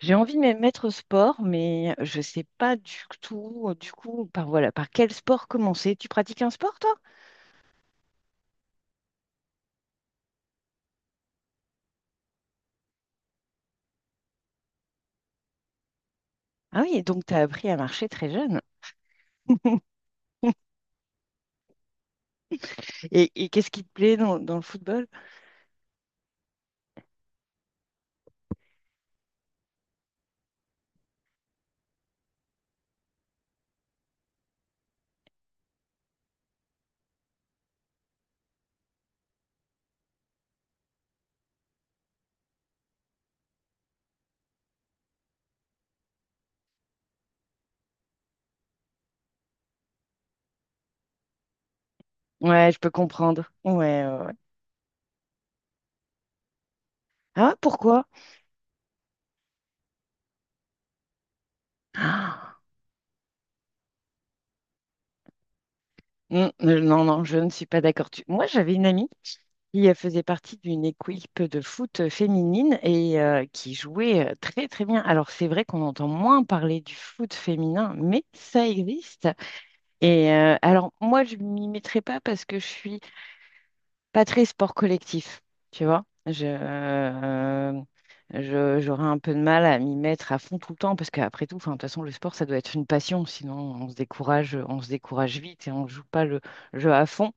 J'ai envie de me mettre au sport, mais je sais pas du tout, du coup, par voilà, par quel sport commencer. Tu pratiques un sport, toi? Ah oui, donc tu as appris à marcher très jeune. Et qu'est-ce qui te plaît dans le football? Ouais, je peux comprendre. Ouais, ouais, ouais. Ah, pourquoi? Ah, non, non, je ne suis pas d'accord. Tu- Moi, j'avais une amie qui faisait partie d'une équipe de foot féminine et qui jouait très très bien. Alors c'est vrai qu'on entend moins parler du foot féminin, mais ça existe. Et alors moi je m'y mettrai pas parce que je suis pas très sport collectif, tu vois. J'aurais un peu de mal à m'y mettre à fond tout le temps parce qu'après tout, enfin, de toute façon le sport ça doit être une passion, sinon on se décourage vite et on joue pas le jeu à fond.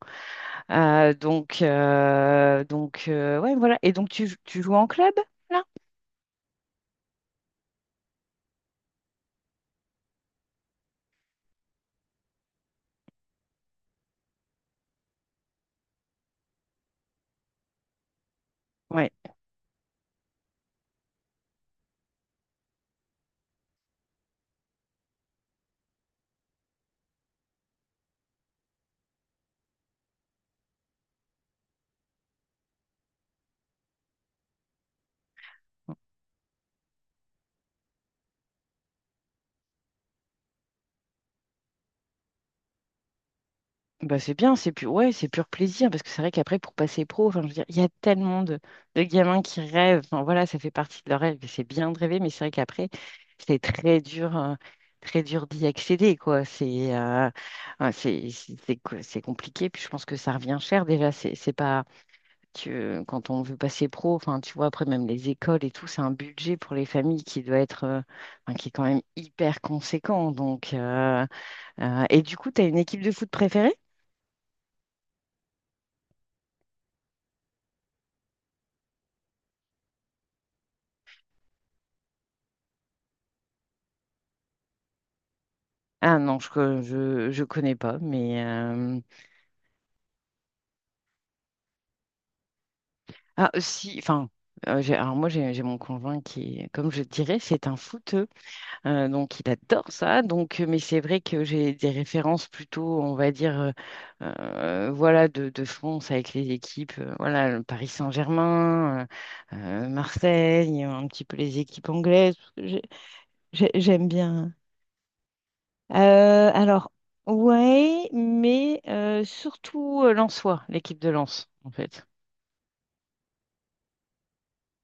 Ouais, voilà. Et donc, tu joues en club, là? Ouais. Bah, c'est bien, c'est pur, ouais, c'est pur plaisir, parce que c'est vrai qu'après, pour passer pro, enfin, je veux dire, il y a tellement de gamins qui rêvent. Enfin, voilà, ça fait partie de leur rêve, et c'est bien de rêver, mais c'est vrai qu'après, c'est très dur d'y accéder, quoi. C'est ouais, c'est compliqué, puis je pense que ça revient cher, déjà, c'est pas... que quand on veut passer pro, enfin, tu vois, après même les écoles et tout, c'est un budget pour les familles qui doit être, enfin, qui est quand même hyper conséquent. Donc, et du coup, tu as une équipe de foot préférée? Ah non, je connais pas, mais ah si, enfin, alors moi j'ai mon conjoint qui, est- comme je te dirais, c'est un foot. Il adore ça. Donc, mais c'est vrai que j'ai des références plutôt, on va dire, voilà, de France avec les équipes, voilà, le Paris Saint-Germain, euh, Marseille, un petit peu les équipes anglaises, parce que j'aime bien. Euh, alors, ouais, mais surtout Lensois, l'équipe de Lens, en fait.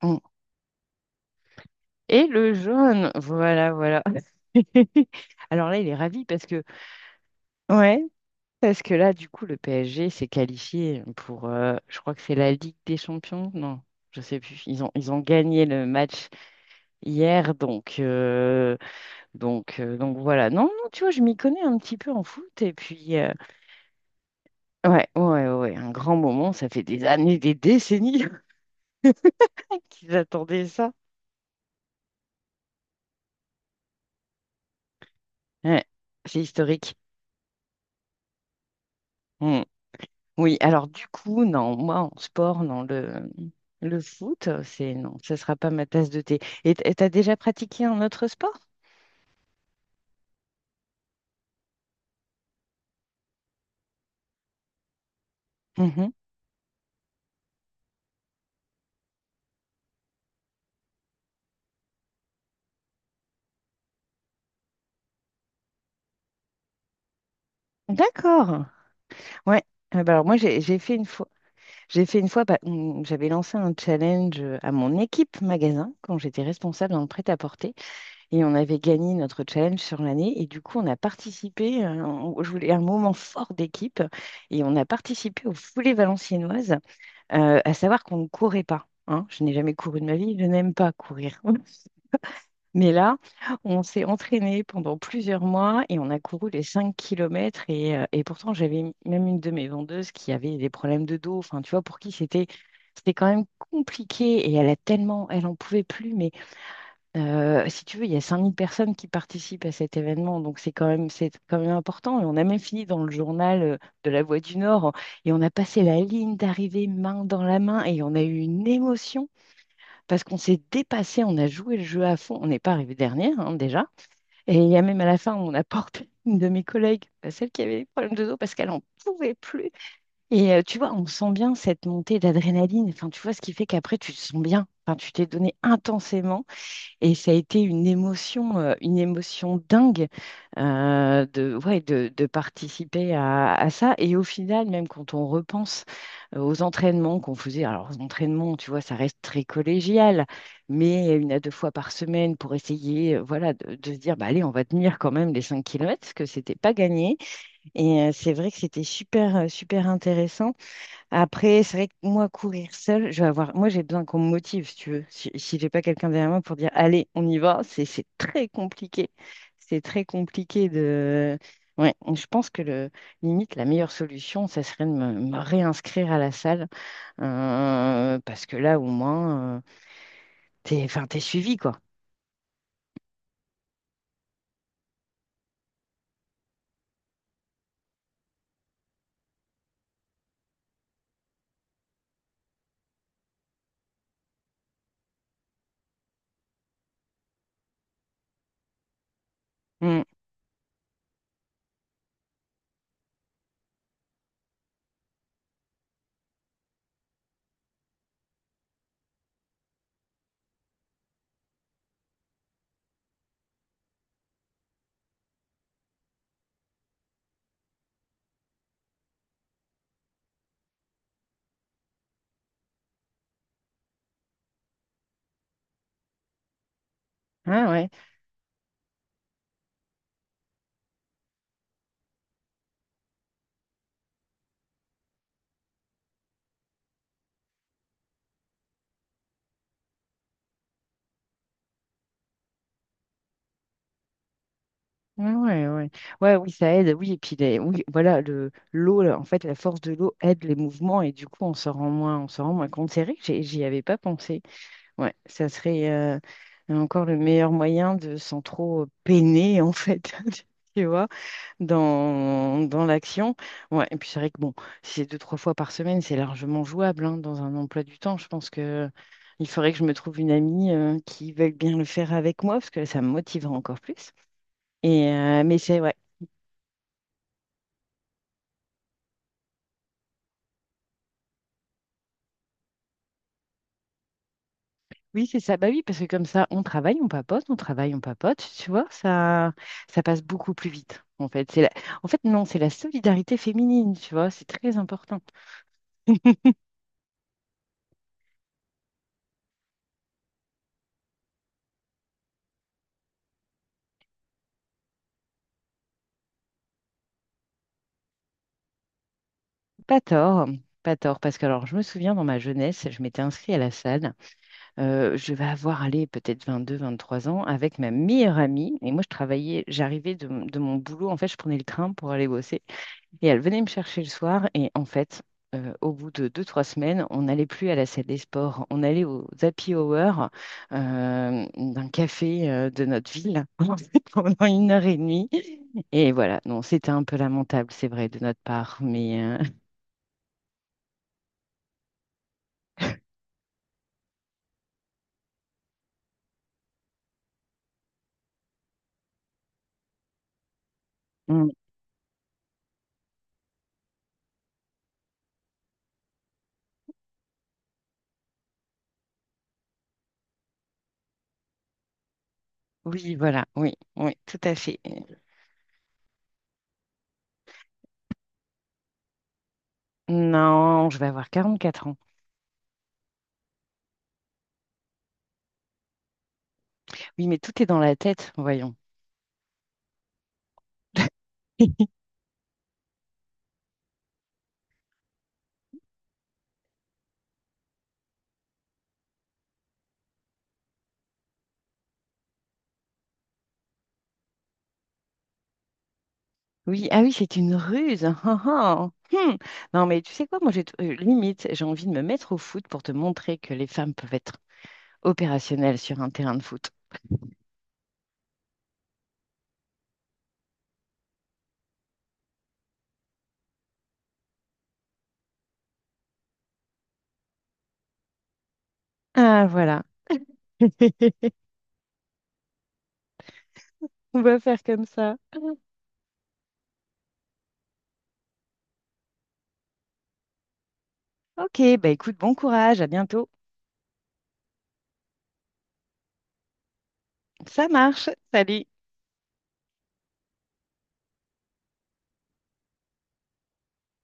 Mm. Et le jaune, voilà, voilà. Alors là, il est ravi parce que, ouais. Parce que là, du coup, le PSG s'est qualifié pour, je crois que c'est la Ligue des Champions. Non, je sais plus. Ils ont gagné le match hier, donc voilà. Non, non, tu vois, je m'y connais un petit peu en foot. Et puis, ouais, ouais, ouais, ouais, un grand moment. Ça fait des années, des décennies qu'ils attendaient ça. Ouais, c'est historique. Hmm. Oui, alors du coup, non, moi, en sport, non, le foot, c'est non, ça sera pas ma tasse de thé. Et t- et t'as déjà pratiqué un autre sport? Mhm. D'accord. Ouais. Ah bah alors moi j'ai fait une fois bah, on- j'avais lancé un challenge à mon équipe magasin quand j'étais responsable dans le prêt-à-porter et on avait gagné notre challenge sur l'année et du coup on a participé on- je voulais un moment fort d'équipe et on a participé aux foulées valenciennoises, à savoir qu'on ne courait pas hein. Je n'ai jamais couru de ma vie, je n'aime pas courir. Mais là, on s'est entraîné pendant plusieurs mois et on a couru les 5 kilomètres. Et pourtant, j'avais même une de mes vendeuses qui avait des problèmes de dos. Enfin, tu vois, pour qui c'était quand même compliqué. Et elle a tellement, elle en pouvait plus. Mais si tu veux, il y a 5 000 personnes qui participent à cet événement. Donc, c'est quand même important. Et on a même fini dans le journal de la Voix du Nord. Et on a passé la ligne d'arrivée main dans la main. Et on a eu une émotion parce qu'on s'est dépassé, on a joué le jeu à fond, on n'est pas arrivé dernière hein, déjà. Et il y a même à la fin, on a porté une de mes collègues, bah, celle qui avait des problèmes de dos, parce qu'elle n'en pouvait plus. Et tu vois, on sent bien cette montée d'adrénaline, enfin, tu vois ce qui fait qu'après, tu te sens bien, enfin, tu t'es donné intensément. Et ça a été une émotion dingue, ouais, de participer à ça. Et au final, même quand on repense aux entraînements qu'on faisait, alors aux entraînements, tu vois, ça reste très collégial, mais une à deux fois par semaine pour essayer, voilà, de se dire, bah, allez, on va tenir quand même les 5 kilomètres, parce que c'était pas gagné. Et c'est vrai que c'était super, super intéressant. Après, c'est vrai que moi, courir seule, je vais avoir. Moi, j'ai besoin qu'on me motive, si tu veux. Si j'ai pas quelqu'un derrière moi pour dire, allez, on y va, c'est très compliqué. C'est très compliqué de. Ouais, je pense que le, limite, la meilleure solution, ça serait de me réinscrire à la salle, parce que là, au moins, t'es, enfin, t'es suivi, quoi. Mm. Ah ouais. Ouais, ouais, ouais. Ouais, oui, ça aide. Oui, et puis les- oui, voilà, le l'eau, là, en fait, la force de l'eau aide les mouvements et du coup, on s'en rend moins compte. C'est vrai que j'ai- j'y avais pas pensé. Ouais, ça serait encore le meilleur moyen de sans trop peiner, en fait, tu vois, dans l'action. Ouais, et puis c'est vrai que bon, si c'est deux, trois fois par semaine, c'est largement jouable hein, dans un emploi du temps. Je pense que il faudrait que je me trouve une amie qui veuille bien le faire avec moi parce que ça me motiverait encore plus. Et mais c'est ouais. Oui, c'est ça. Bah oui, parce que comme ça, on travaille, on papote, on travaille, on papote. Tu vois, ça passe beaucoup plus vite. En fait, c'est la... en fait, non, c'est la solidarité féminine. Tu vois, c'est très important. Pas tort, pas tort. Parce que alors, je me souviens dans ma jeunesse, je m'étais inscrite à la salle. Je vais avoir allé peut-être 22, 23 ans avec ma meilleure amie. Et moi, je travaillais, j'arrivais de mon boulot. En fait, je prenais le train pour aller bosser. Et elle venait me chercher le soir. Et en fait, au bout de deux, trois semaines, on n'allait plus à la salle des sports. On allait au happy hour d'un café de notre ville en fait, pendant une heure et demie. Et voilà, non, c'était un peu lamentable, c'est vrai, de notre part. Mais mm, oui, voilà, oui, oui, tout à fait. Non, je vais avoir 44 ans. Oui, mais tout est dans la tête, voyons. Oui, ah oui, c'est une ruse. Ah, ah. Hmm. Non, mais tu sais quoi, moi, limite, j'ai envie de me mettre au foot pour te montrer que les femmes peuvent être opérationnelles sur un terrain de foot. Ah, voilà. On va faire comme ça. Ok, bah écoute, bon courage, à bientôt. Ça marche. Salut.